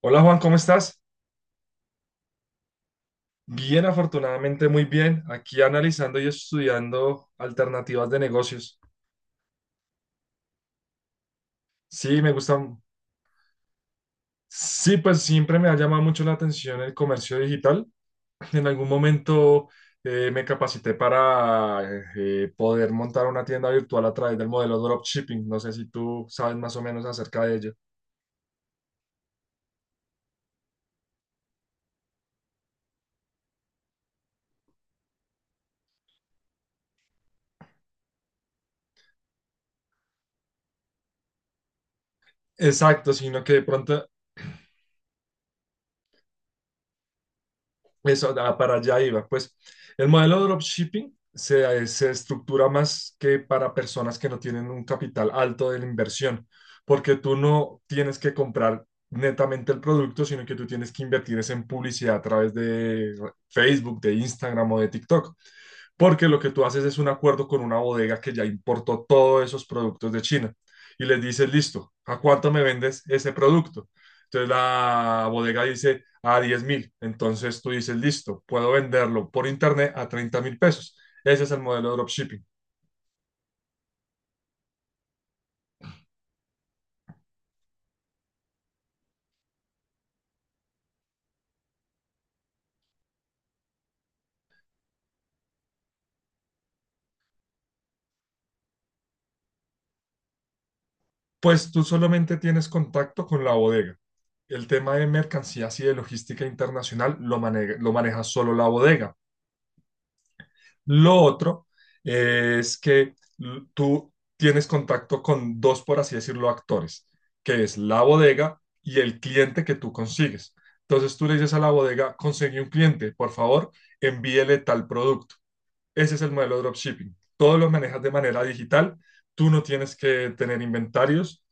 Hola Juan, ¿cómo estás? Bien, afortunadamente muy bien. Aquí analizando y estudiando alternativas de negocios. Sí, me gustan. Sí, pues siempre me ha llamado mucho la atención el comercio digital. En algún momento me capacité para poder montar una tienda virtual a través del modelo dropshipping. No sé si tú sabes más o menos acerca de ello. Exacto, sino que de pronto. Eso, ah, para allá iba. Pues el modelo de dropshipping se estructura más que para personas que no tienen un capital alto de la inversión, porque tú no tienes que comprar netamente el producto, sino que tú tienes que invertir es en publicidad a través de Facebook, de Instagram o de TikTok, porque lo que tú haces es un acuerdo con una bodega que ya importó todos esos productos de China y les dices, listo, ¿a cuánto me vendes ese producto? Entonces la bodega dice a 10.000, entonces tú dices, listo, puedo venderlo por internet a 30.000 pesos. Ese es el modelo de dropshipping. Pues tú solamente tienes contacto con la bodega. El tema de mercancías y de logística internacional lo maneja solo la bodega. Lo otro, es que tú tienes contacto con dos, por así decirlo, actores, que es la bodega y el cliente que tú consigues. Entonces tú le dices a la bodega, conseguí un cliente, por favor, envíele tal producto. Ese es el modelo de dropshipping. Todo lo manejas de manera digital. Tú no tienes que tener inventarios,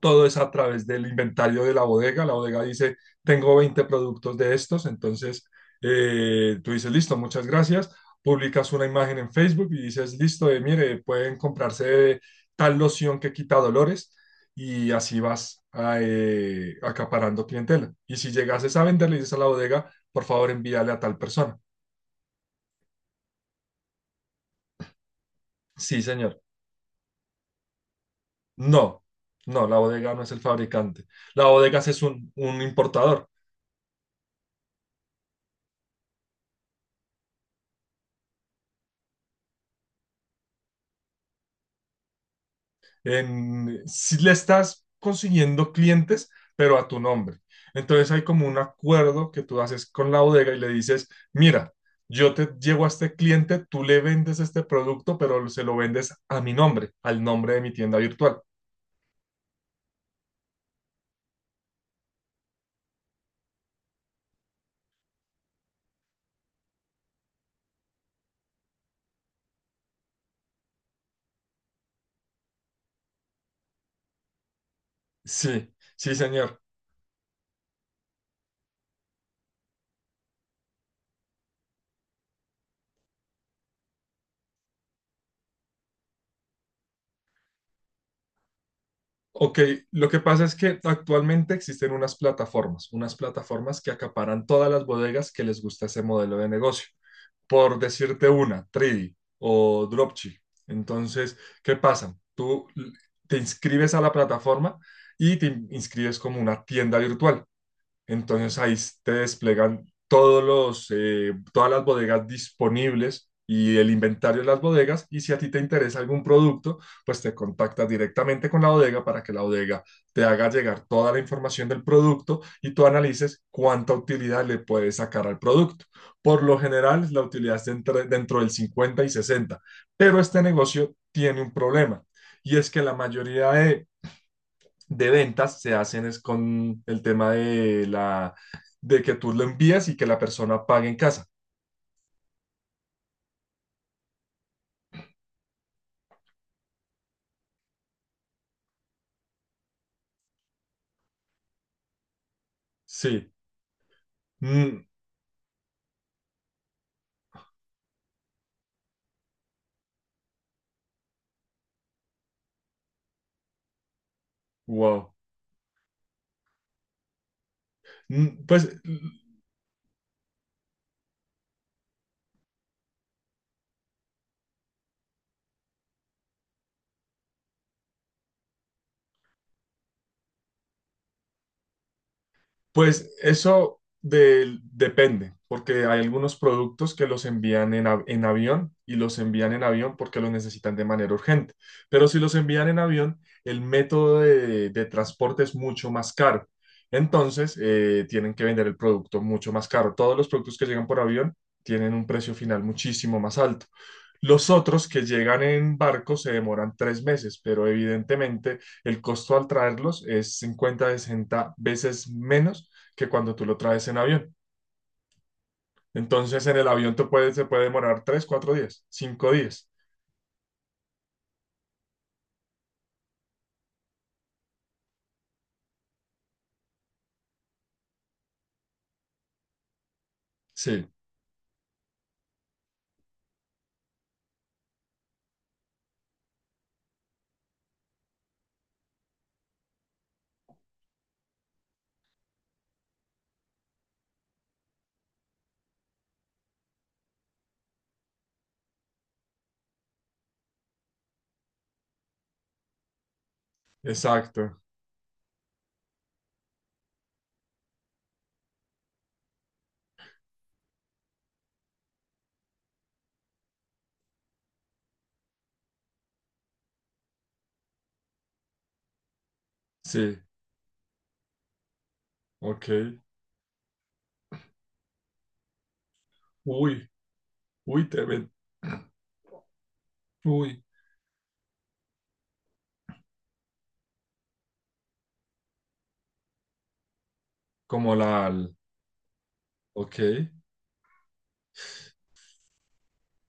todo es a través del inventario de la bodega. La bodega dice, tengo 20 productos de estos, entonces tú dices, listo, muchas gracias. Publicas una imagen en Facebook y dices, listo, mire, pueden comprarse tal loción que quita dolores y así vas acaparando clientela. Y si llegases a venderle, dices a la bodega, por favor envíale a tal persona. Sí, señor. No, no, la bodega no es el fabricante. La bodega sí es un importador. En, si le estás consiguiendo clientes, pero a tu nombre. Entonces hay como un acuerdo que tú haces con la bodega y le dices, mira, yo te llevo a este cliente, tú le vendes este producto, pero se lo vendes a mi nombre, al nombre de mi tienda virtual. Sí, sí, señor. Ok, lo que pasa es que actualmente existen unas plataformas que acaparan todas las bodegas que les gusta ese modelo de negocio. Por decirte una, Tridi o Dropchi. Entonces, ¿qué pasa? Tú te inscribes a la plataforma y te inscribes como una tienda virtual. Entonces ahí te desplegan todas las bodegas disponibles y el inventario de las bodegas. Y si a ti te interesa algún producto, pues te contactas directamente con la bodega para que la bodega te haga llegar toda la información del producto y tú analices cuánta utilidad le puedes sacar al producto. Por lo general, la utilidad es dentro del 50 y 60, pero este negocio tiene un problema. Y es que la mayoría de ventas se hacen es con el tema de la de que tú lo envías y que la persona pague en casa. Sí. Mm, wow. Mm, Pues eso depende, porque hay algunos productos que los envían en, en avión y los envían en avión porque los necesitan de manera urgente. Pero si los envían en avión, el método de transporte es mucho más caro. Entonces, tienen que vender el producto mucho más caro. Todos los productos que llegan por avión tienen un precio final muchísimo más alto. Los otros que llegan en barco se demoran 3 meses, pero evidentemente el costo al traerlos es 50, 60 veces menos que cuando tú lo traes en avión. Entonces en el avión te puede, se puede demorar tres, cuatro días, 5 días. Sí, exacto. Sí, ok. Uy, uy, te ven. Uy, como la al-. Ok.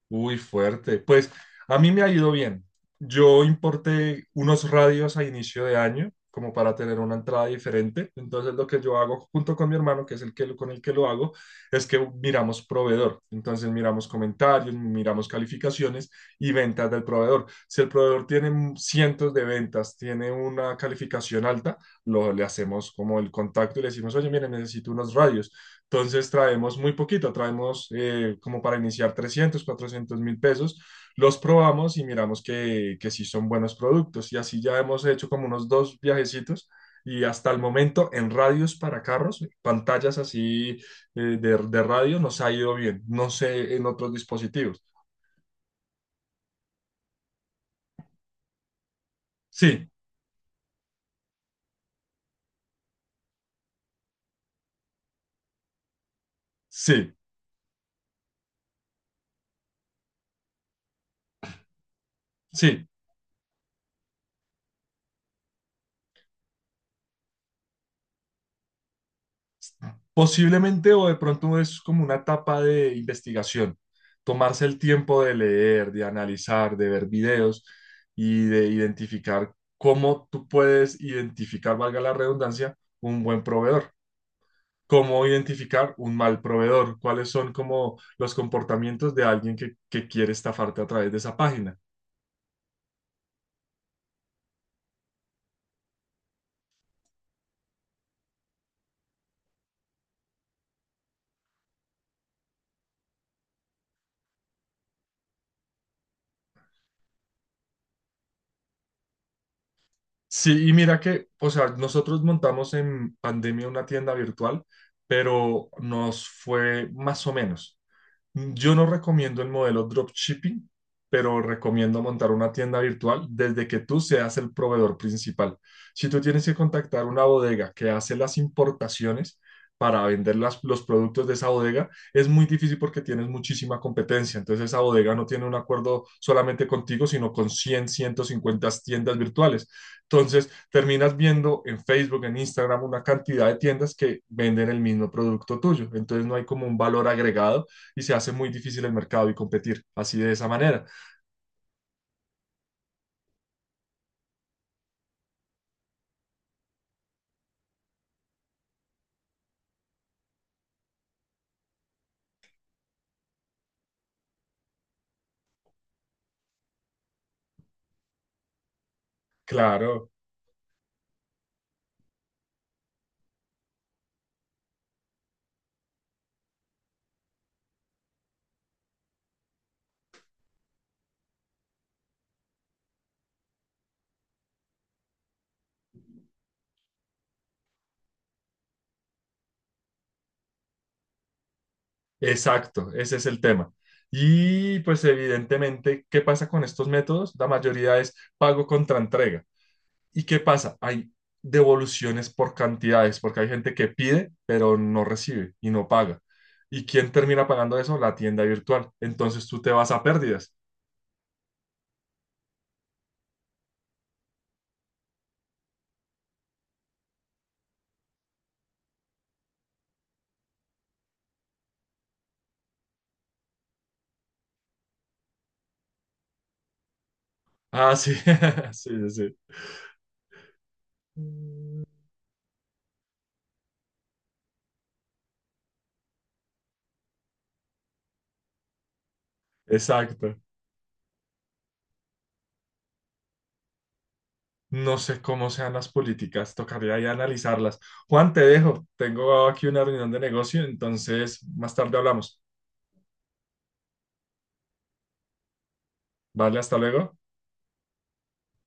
Uy, fuerte. Pues a mí me ha ido bien. Yo importé unos radios a inicio de año, como para tener una entrada diferente. Entonces lo que yo hago junto con mi hermano, que es el que, con el que lo hago, es que miramos proveedor. Entonces miramos comentarios, miramos calificaciones y ventas del proveedor. Si el proveedor tiene cientos de ventas, tiene una calificación alta, le hacemos como el contacto y le decimos, oye, mire, necesito unos radios. Entonces traemos muy poquito, traemos como para iniciar 300.000, 400.000 pesos, los probamos y miramos que sí son buenos productos. Y así ya hemos hecho como unos dos viajecitos y hasta el momento en radios para carros, pantallas así, de radio, nos ha ido bien. No sé en otros dispositivos. Sí, sí, sí. Posiblemente o de pronto es como una etapa de investigación, tomarse el tiempo de leer, de analizar, de ver videos y de identificar cómo tú puedes identificar, valga la redundancia, un buen proveedor, cómo identificar un mal proveedor, cuáles son como los comportamientos de alguien que quiere estafarte a través de esa página. Sí, y mira que, o sea, nosotros montamos en pandemia una tienda virtual, pero nos fue más o menos. Yo no recomiendo el modelo dropshipping, pero recomiendo montar una tienda virtual desde que tú seas el proveedor principal. Si tú tienes que contactar una bodega que hace las importaciones para vender los productos de esa bodega, es muy difícil porque tienes muchísima competencia. Entonces esa bodega no tiene un acuerdo solamente contigo, sino con 100, 150 tiendas virtuales. Entonces terminas viendo en Facebook, en Instagram, una cantidad de tiendas que venden el mismo producto tuyo. Entonces no hay como un valor agregado y se hace muy difícil el mercado y competir así de esa manera. Claro, exacto, ese es el tema. Y pues evidentemente, ¿qué pasa con estos métodos? La mayoría es pago contra entrega. ¿Y qué pasa? Hay devoluciones por cantidades, porque hay gente que pide, pero no recibe y no paga. ¿Y quién termina pagando eso? La tienda virtual. Entonces tú te vas a pérdidas. Ah, sí, sí, sí, sí. Exacto. No sé cómo sean las políticas, tocaría ya analizarlas. Juan, te dejo. Tengo aquí una reunión de negocio, entonces más tarde hablamos. Vale, hasta luego.